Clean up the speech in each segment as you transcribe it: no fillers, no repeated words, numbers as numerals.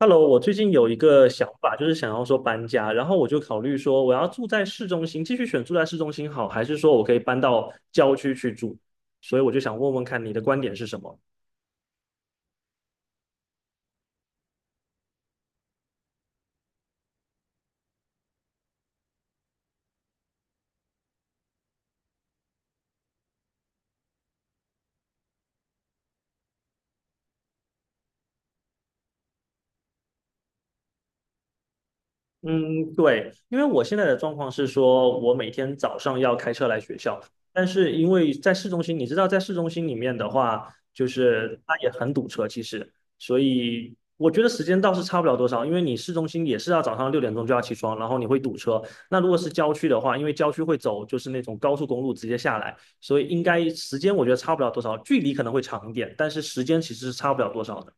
Hello，我最近有一个想法，就是想要说搬家，然后我就考虑说，我要住在市中心，继续选住在市中心好，还是说我可以搬到郊区去住？所以我就想问问看你的观点是什么。嗯，对，因为我现在的状况是说，我每天早上要开车来学校，但是因为在市中心，你知道，在市中心里面的话，就是它也很堵车，其实，所以我觉得时间倒是差不了多少，因为你市中心也是要早上六点钟就要起床，然后你会堵车。那如果是郊区的话，因为郊区会走就是那种高速公路直接下来，所以应该时间我觉得差不了多少，距离可能会长一点，但是时间其实是差不了多少的。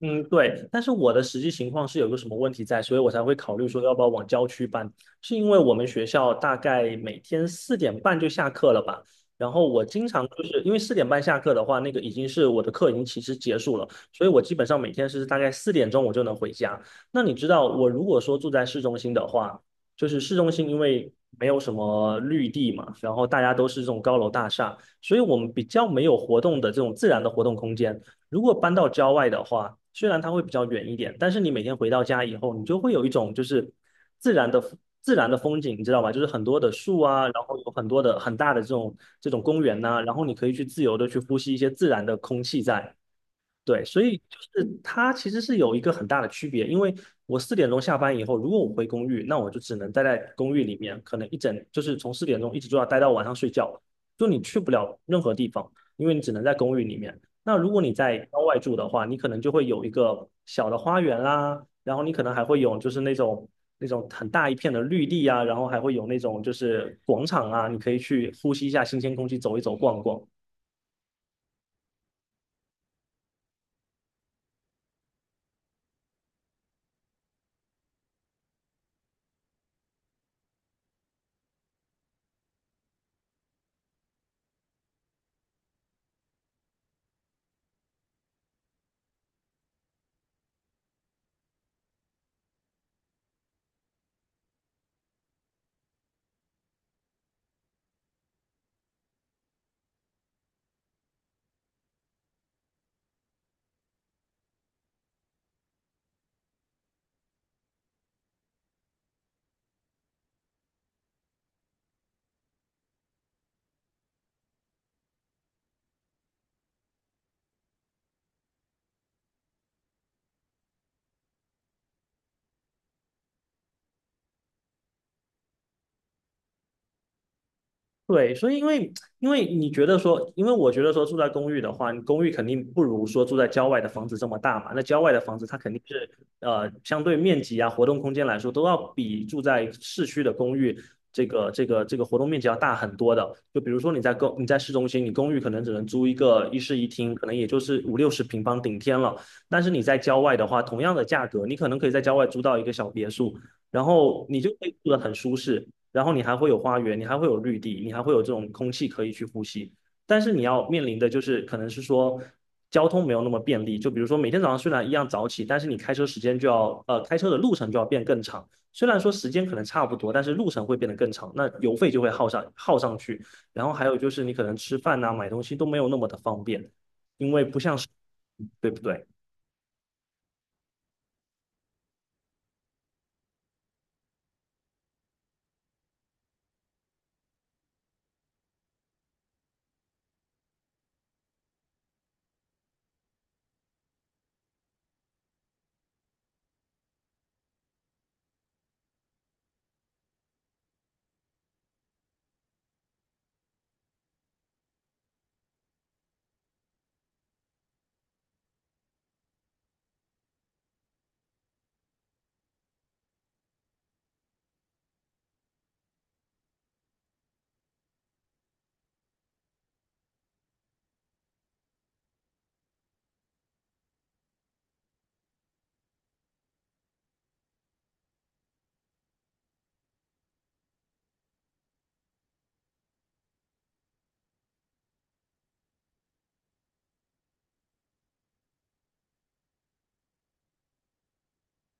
嗯，对，但是我的实际情况是有个什么问题在，所以我才会考虑说要不要往郊区搬，是因为我们学校大概每天四点半就下课了吧，然后我经常就是因为四点半下课的话，那个已经是我的课已经其实结束了，所以我基本上每天是大概四点钟我就能回家。那你知道我如果说住在市中心的话，就是市中心因为没有什么绿地嘛，然后大家都是这种高楼大厦，所以我们比较没有活动的这种自然的活动空间。如果搬到郊外的话，虽然它会比较远一点，但是你每天回到家以后，你就会有一种就是自然的自然的风景，你知道吧？就是很多的树啊，然后有很多的很大的这种公园呐、然后你可以去自由的去呼吸一些自然的空气在，对，所以就是它其实是有一个很大的区别，因为我四点钟下班以后，如果我回公寓，那我就只能待在公寓里面，可能一整就是从四点钟一直就要待到晚上睡觉了，就你去不了任何地方，因为你只能在公寓里面。那如果你在郊外住的话，你可能就会有一个小的花园啦，然后你可能还会有就是那种很大一片的绿地啊，然后还会有那种就是广场啊，你可以去呼吸一下新鲜空气，走一走逛逛。对，所以因为你觉得说，因为我觉得说住在公寓的话，你公寓肯定不如说住在郊外的房子这么大嘛。那郊外的房子它肯定是相对面积啊、活动空间来说，都要比住在市区的公寓这个活动面积要大很多的。就比如说你在公你在市中心，你公寓可能只能租一个一室一厅，可能也就是五六十平方顶天了。但是你在郊外的话，同样的价格，你可能可以在郊外租到一个小别墅。然后你就可以住得很舒适，然后你还会有花园，你还会有绿地，你还会有这种空气可以去呼吸。但是你要面临的就是可能是说交通没有那么便利，就比如说每天早上虽然一样早起，但是你开车时间就要开车的路程就要变更长。虽然说时间可能差不多，但是路程会变得更长，那油费就会耗上去。然后还有就是你可能吃饭呐、买东西都没有那么的方便，因为不像是对不对？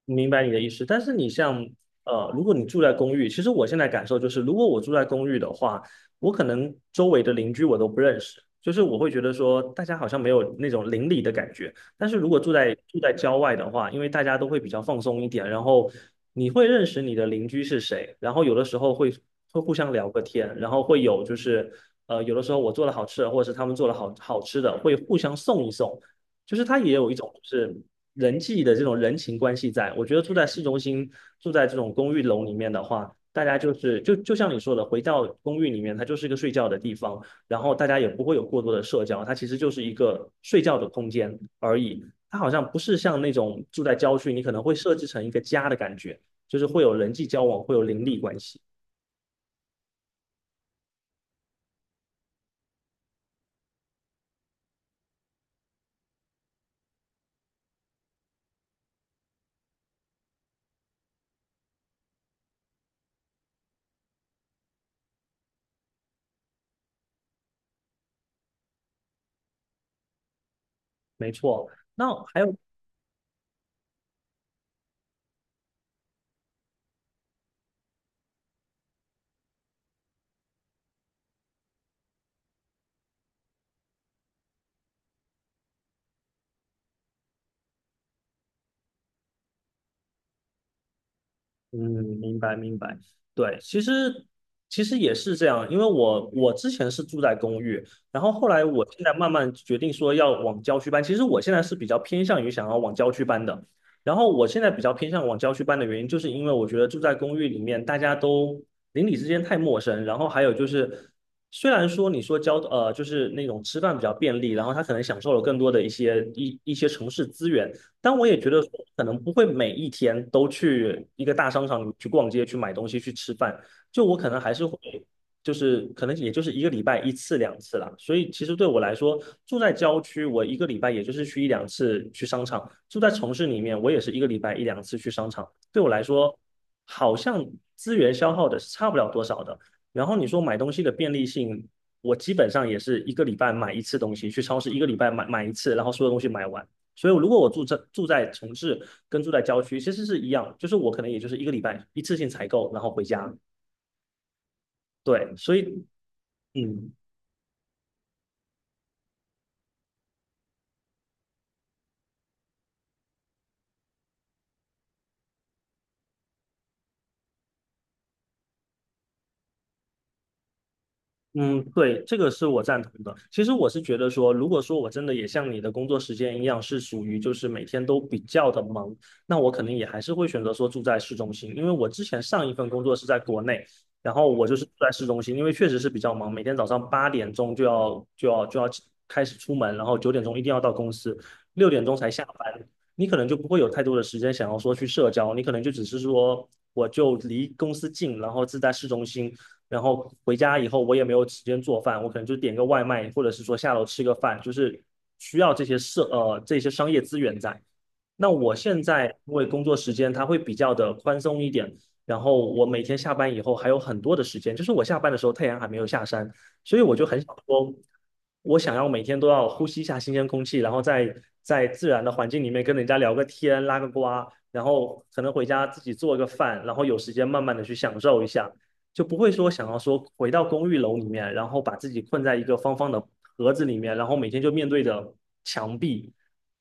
明白你的意思，但是你像如果你住在公寓，其实我现在感受就是，如果我住在公寓的话，我可能周围的邻居我都不认识，就是我会觉得说大家好像没有那种邻里的感觉。但是如果住在郊外的话，因为大家都会比较放松一点，然后你会认识你的邻居是谁，然后有的时候会互相聊个天，然后会有就是有的时候我做了好吃的，或者是他们做了好好吃的，会互相送一送。就是它也有一种就是人际的这种人情关系在。我觉得住在市中心，住在这种公寓楼里面的话，大家就像你说的，回到公寓里面，它就是一个睡觉的地方，然后大家也不会有过多的社交，它其实就是一个睡觉的空间而已。它好像不是像那种住在郊区，你可能会设置成一个家的感觉，就是会有人际交往，会有邻里关系。没错。那还有嗯，明白明白，对，其实也是这样，因为我之前是住在公寓，然后后来我现在慢慢决定说要往郊区搬。其实我现在是比较偏向于想要往郊区搬的，然后我现在比较偏向往郊区搬的原因，就是因为我觉得住在公寓里面，大家都邻里之间太陌生，然后还有就是，虽然说你说就是那种吃饭比较便利，然后他可能享受了更多的一些一些城市资源。但我也觉得说可能不会每一天都去一个大商场里去逛街、去买东西、去吃饭。就我可能还是会，就是可能也就是一个礼拜一次两次啦。所以其实对我来说，住在郊区，我一个礼拜也就是去一两次去商场；住在城市里面，我也是一个礼拜一两次去商场。对我来说，好像资源消耗的是差不了多少的。然后你说买东西的便利性，我基本上也是一个礼拜买一次东西，去超市一个礼拜买一次，然后所有东西买完。所以如果我住在城市跟住在郊区其实是一样，就是我可能也就是一个礼拜一次性采购，然后回家。对，所以嗯，嗯，对，这个是我赞同的。其实我是觉得说，如果说我真的也像你的工作时间一样，是属于就是每天都比较的忙，那我肯定也还是会选择说住在市中心，因为我之前上一份工作是在国内，然后我就是住在市中心，因为确实是比较忙，每天早上八点钟就要开始出门，然后九点钟一定要到公司，六点钟才下班，你可能就不会有太多的时间想要说去社交，你可能就只是说我就离公司近，然后是在市中心。然后回家以后我也没有时间做饭，我可能就点个外卖，或者是说下楼吃个饭，就是需要这些这些商业资源在。那我现在因为工作时间它会比较的宽松一点，然后我每天下班以后还有很多的时间，就是我下班的时候太阳还没有下山，所以我就很想说，我想要每天都要呼吸一下新鲜空气，然后在自然的环境里面跟人家聊个天、拉个呱，然后可能回家自己做个饭，然后有时间慢慢的去享受一下。就不会说想要说回到公寓楼里面，然后把自己困在一个方方的盒子里面，然后每天就面对着墙壁，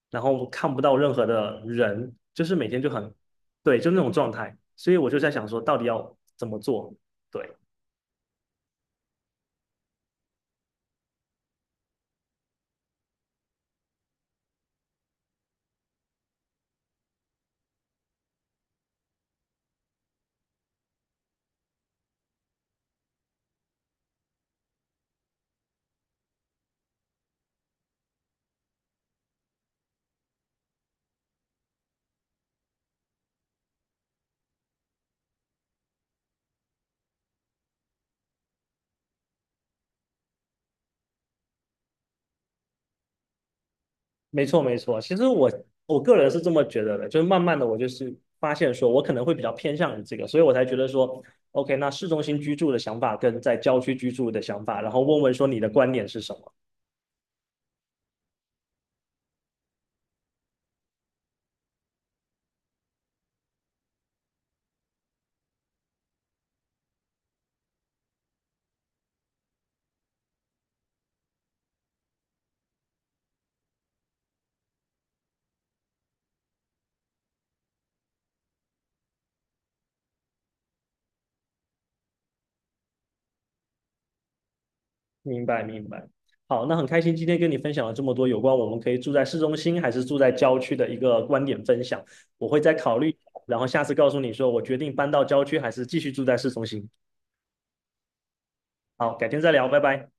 然后看不到任何的人，就是每天就很，对，就那种状态。所以我就在想说，到底要怎么做？对，没错没错。其实我个人是这么觉得的，就是慢慢的我就是发现说我可能会比较偏向于这个，所以我才觉得说。OK，那市中心居住的想法跟在郊区居住的想法，然后问问说你的观点是什么？明白明白。好，那很开心今天跟你分享了这么多有关我们可以住在市中心还是住在郊区的一个观点分享，我会再考虑，然后下次告诉你说我决定搬到郊区还是继续住在市中心。好，改天再聊，拜拜。